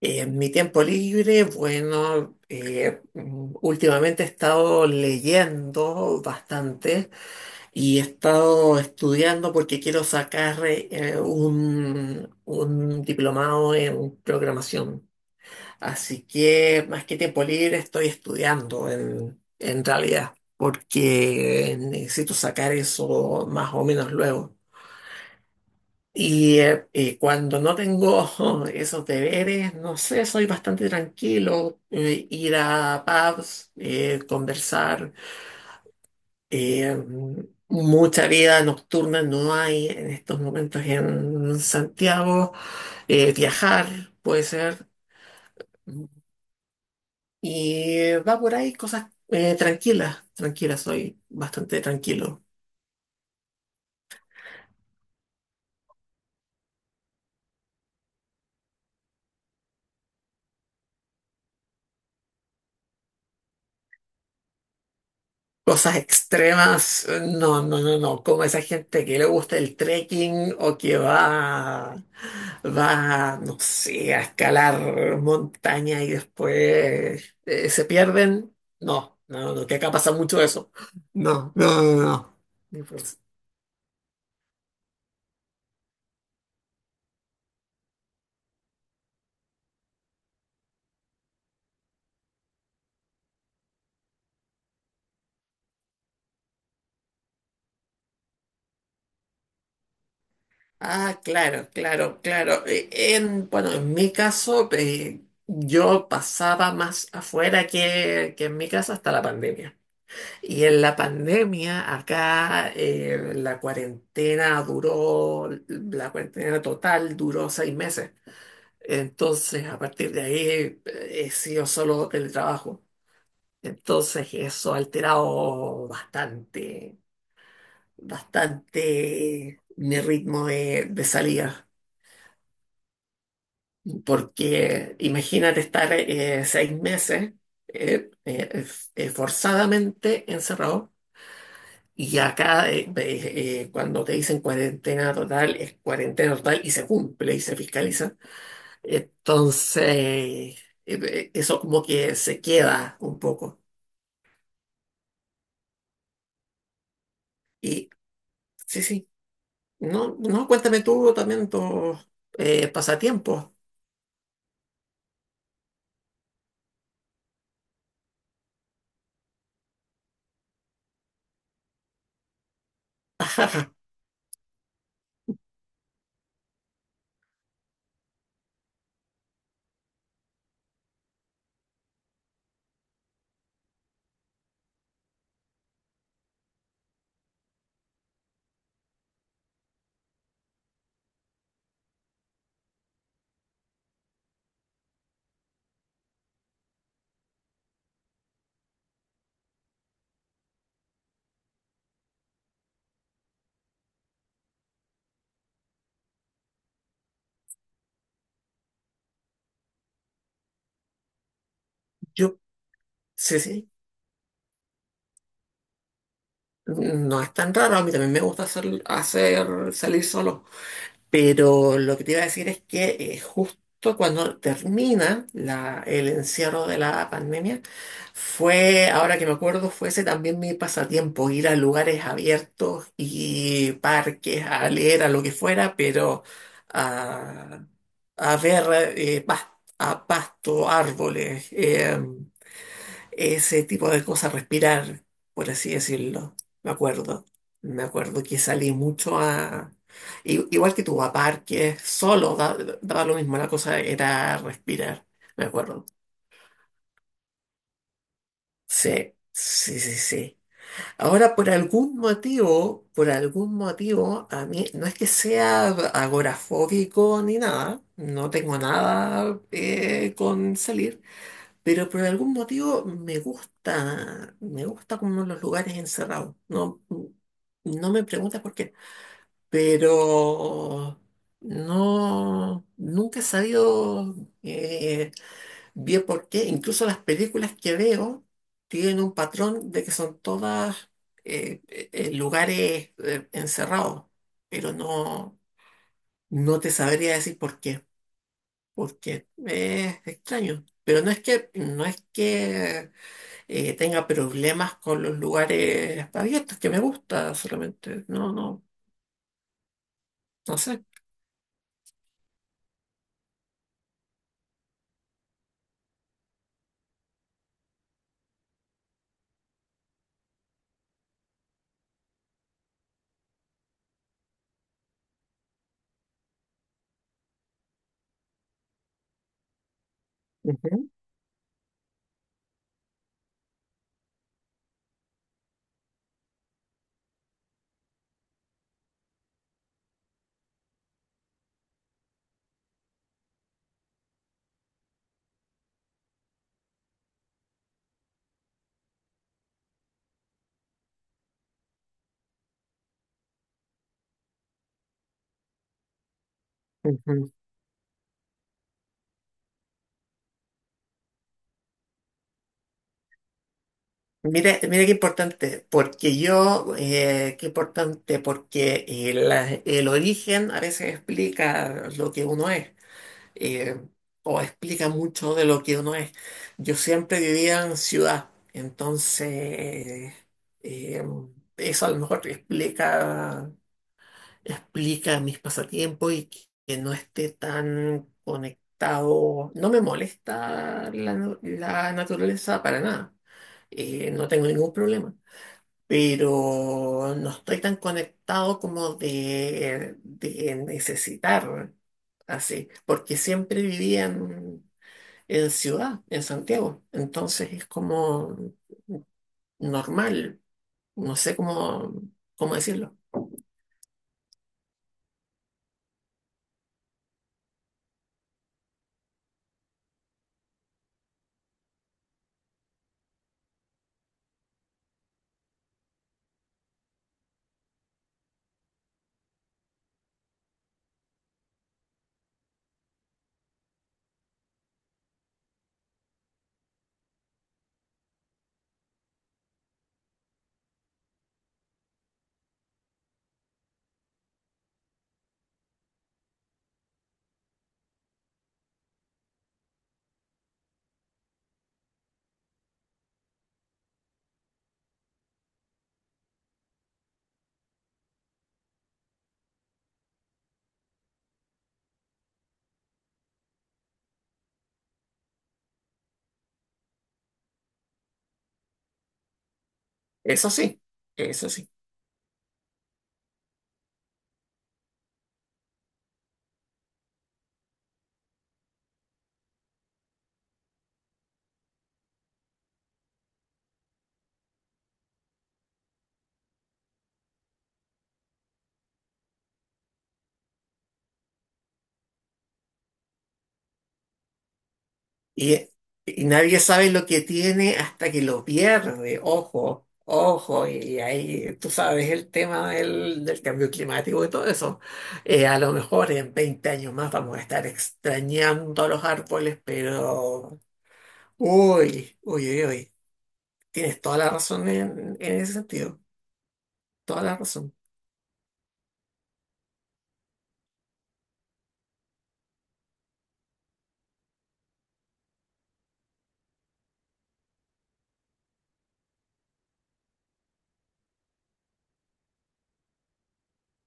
Mi tiempo libre, bueno, últimamente he estado leyendo bastante y he estado estudiando porque quiero sacar un diplomado en programación. Así que más que tiempo libre estoy estudiando en realidad porque necesito sacar eso más o menos luego. Y cuando no tengo esos deberes, no sé, soy bastante tranquilo. Ir a pubs, conversar. eh, Mucha vida nocturna no hay en estos momentos en Santiago. Viajar puede ser. Va por ahí cosas tranquilas, tranquilas, soy bastante tranquilo. Cosas extremas, no, no, no, no, como esa gente que le gusta el trekking o que va, no sé, a escalar montaña y después se pierden, no, no, no, que acá pasa mucho eso, no, no, no, no. Ni por- Ah, claro, claro, claro. Bueno, en mi caso, yo pasaba más afuera que en mi casa hasta la pandemia. Y en la pandemia, acá la cuarentena duró, la cuarentena total duró 6 meses. Entonces, a partir de ahí, he sido solo teletrabajo. Entonces, eso ha alterado bastante mi ritmo de salida. Porque imagínate estar 6 meses eh, eh, forzadamente encerrado. Y acá, cuando te dicen cuarentena total, es cuarentena total y se cumple y se fiscaliza. Entonces, eso como que se queda un poco. Y sí, sí. No, no, cuéntame tú también tus pasatiempos. Yo, sí, sí. No es tan raro. A mí también me gusta hacer, hacer salir solo. Pero lo que te iba a decir es que justo cuando termina el encierro de la pandemia, fue, ahora que me acuerdo, fuese también mi pasatiempo, ir a lugares abiertos y parques, a leer, a lo que fuera, pero a, a ver eh, pas- a pasto, árboles, ese tipo de cosas, respirar, por así decirlo. Me acuerdo. Me acuerdo que salí mucho a... Igual que tú, a parques, solo, daba lo mismo, la cosa era respirar, me acuerdo. Sí, sí, sí, sí. Ahora, por algún motivo, a mí no es que sea agorafóbico ni nada, no tengo nada con salir. Pero por algún motivo me gusta como los lugares encerrados. No, no me preguntas por qué, pero no, nunca he sabido eh, bien por qué. Incluso las películas que veo tienen un patrón de que son todas lugares encerrados, pero no, no te sabría decir por qué, porque es extraño. Pero no es que tenga problemas con los lugares abiertos, que me gusta solamente. No, no, no sé. Ujú, ujú. Mira, mira qué importante, porque yo, qué importante, porque el origen a veces explica lo que uno es, eh, o explica mucho de lo que uno es. Yo siempre vivía en ciudad, entonces eh, eso a lo mejor explica explica mis pasatiempos y que no esté tan conectado. No me molesta la naturaleza para nada. No tengo ningún problema. Pero no estoy tan conectado como de necesitar así, porque siempre vivía en ciudad, en Santiago. Entonces es como normal, no sé cómo, cómo decirlo. Eso sí, eso sí. Y, y nadie sabe lo que tiene hasta que lo pierde. Ojo, ojo. Y ahí tú sabes el tema del cambio climático y todo eso. A lo mejor en 20 años más vamos a estar extrañando a los árboles, pero... Uy, uy, uy, uy. Tienes toda la razón en ese sentido, toda la razón.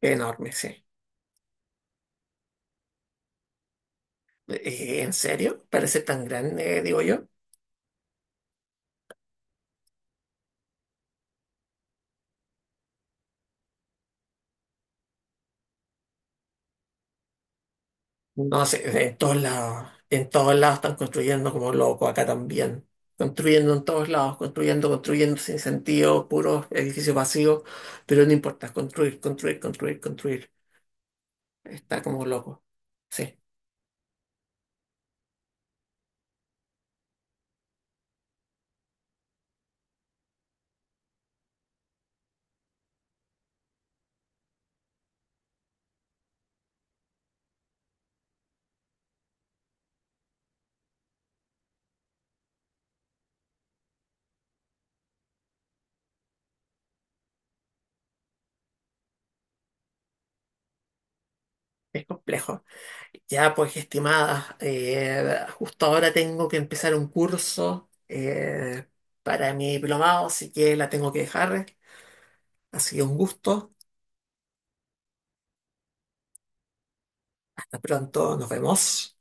Enorme, sí. ¿En serio? Parece tan grande, digo yo. No sé, en todos lados están construyendo como loco, acá también. Construyendo en todos lados, construyendo, construyendo sin sentido, puros edificios vacíos, pero no importa, construir, construir, construir, construir. Está como loco. Sí, es complejo. Ya, pues, estimada, justo ahora tengo que empezar un curso para mi diplomado, así que la tengo que dejar. Ha sido un gusto. Hasta pronto, nos vemos.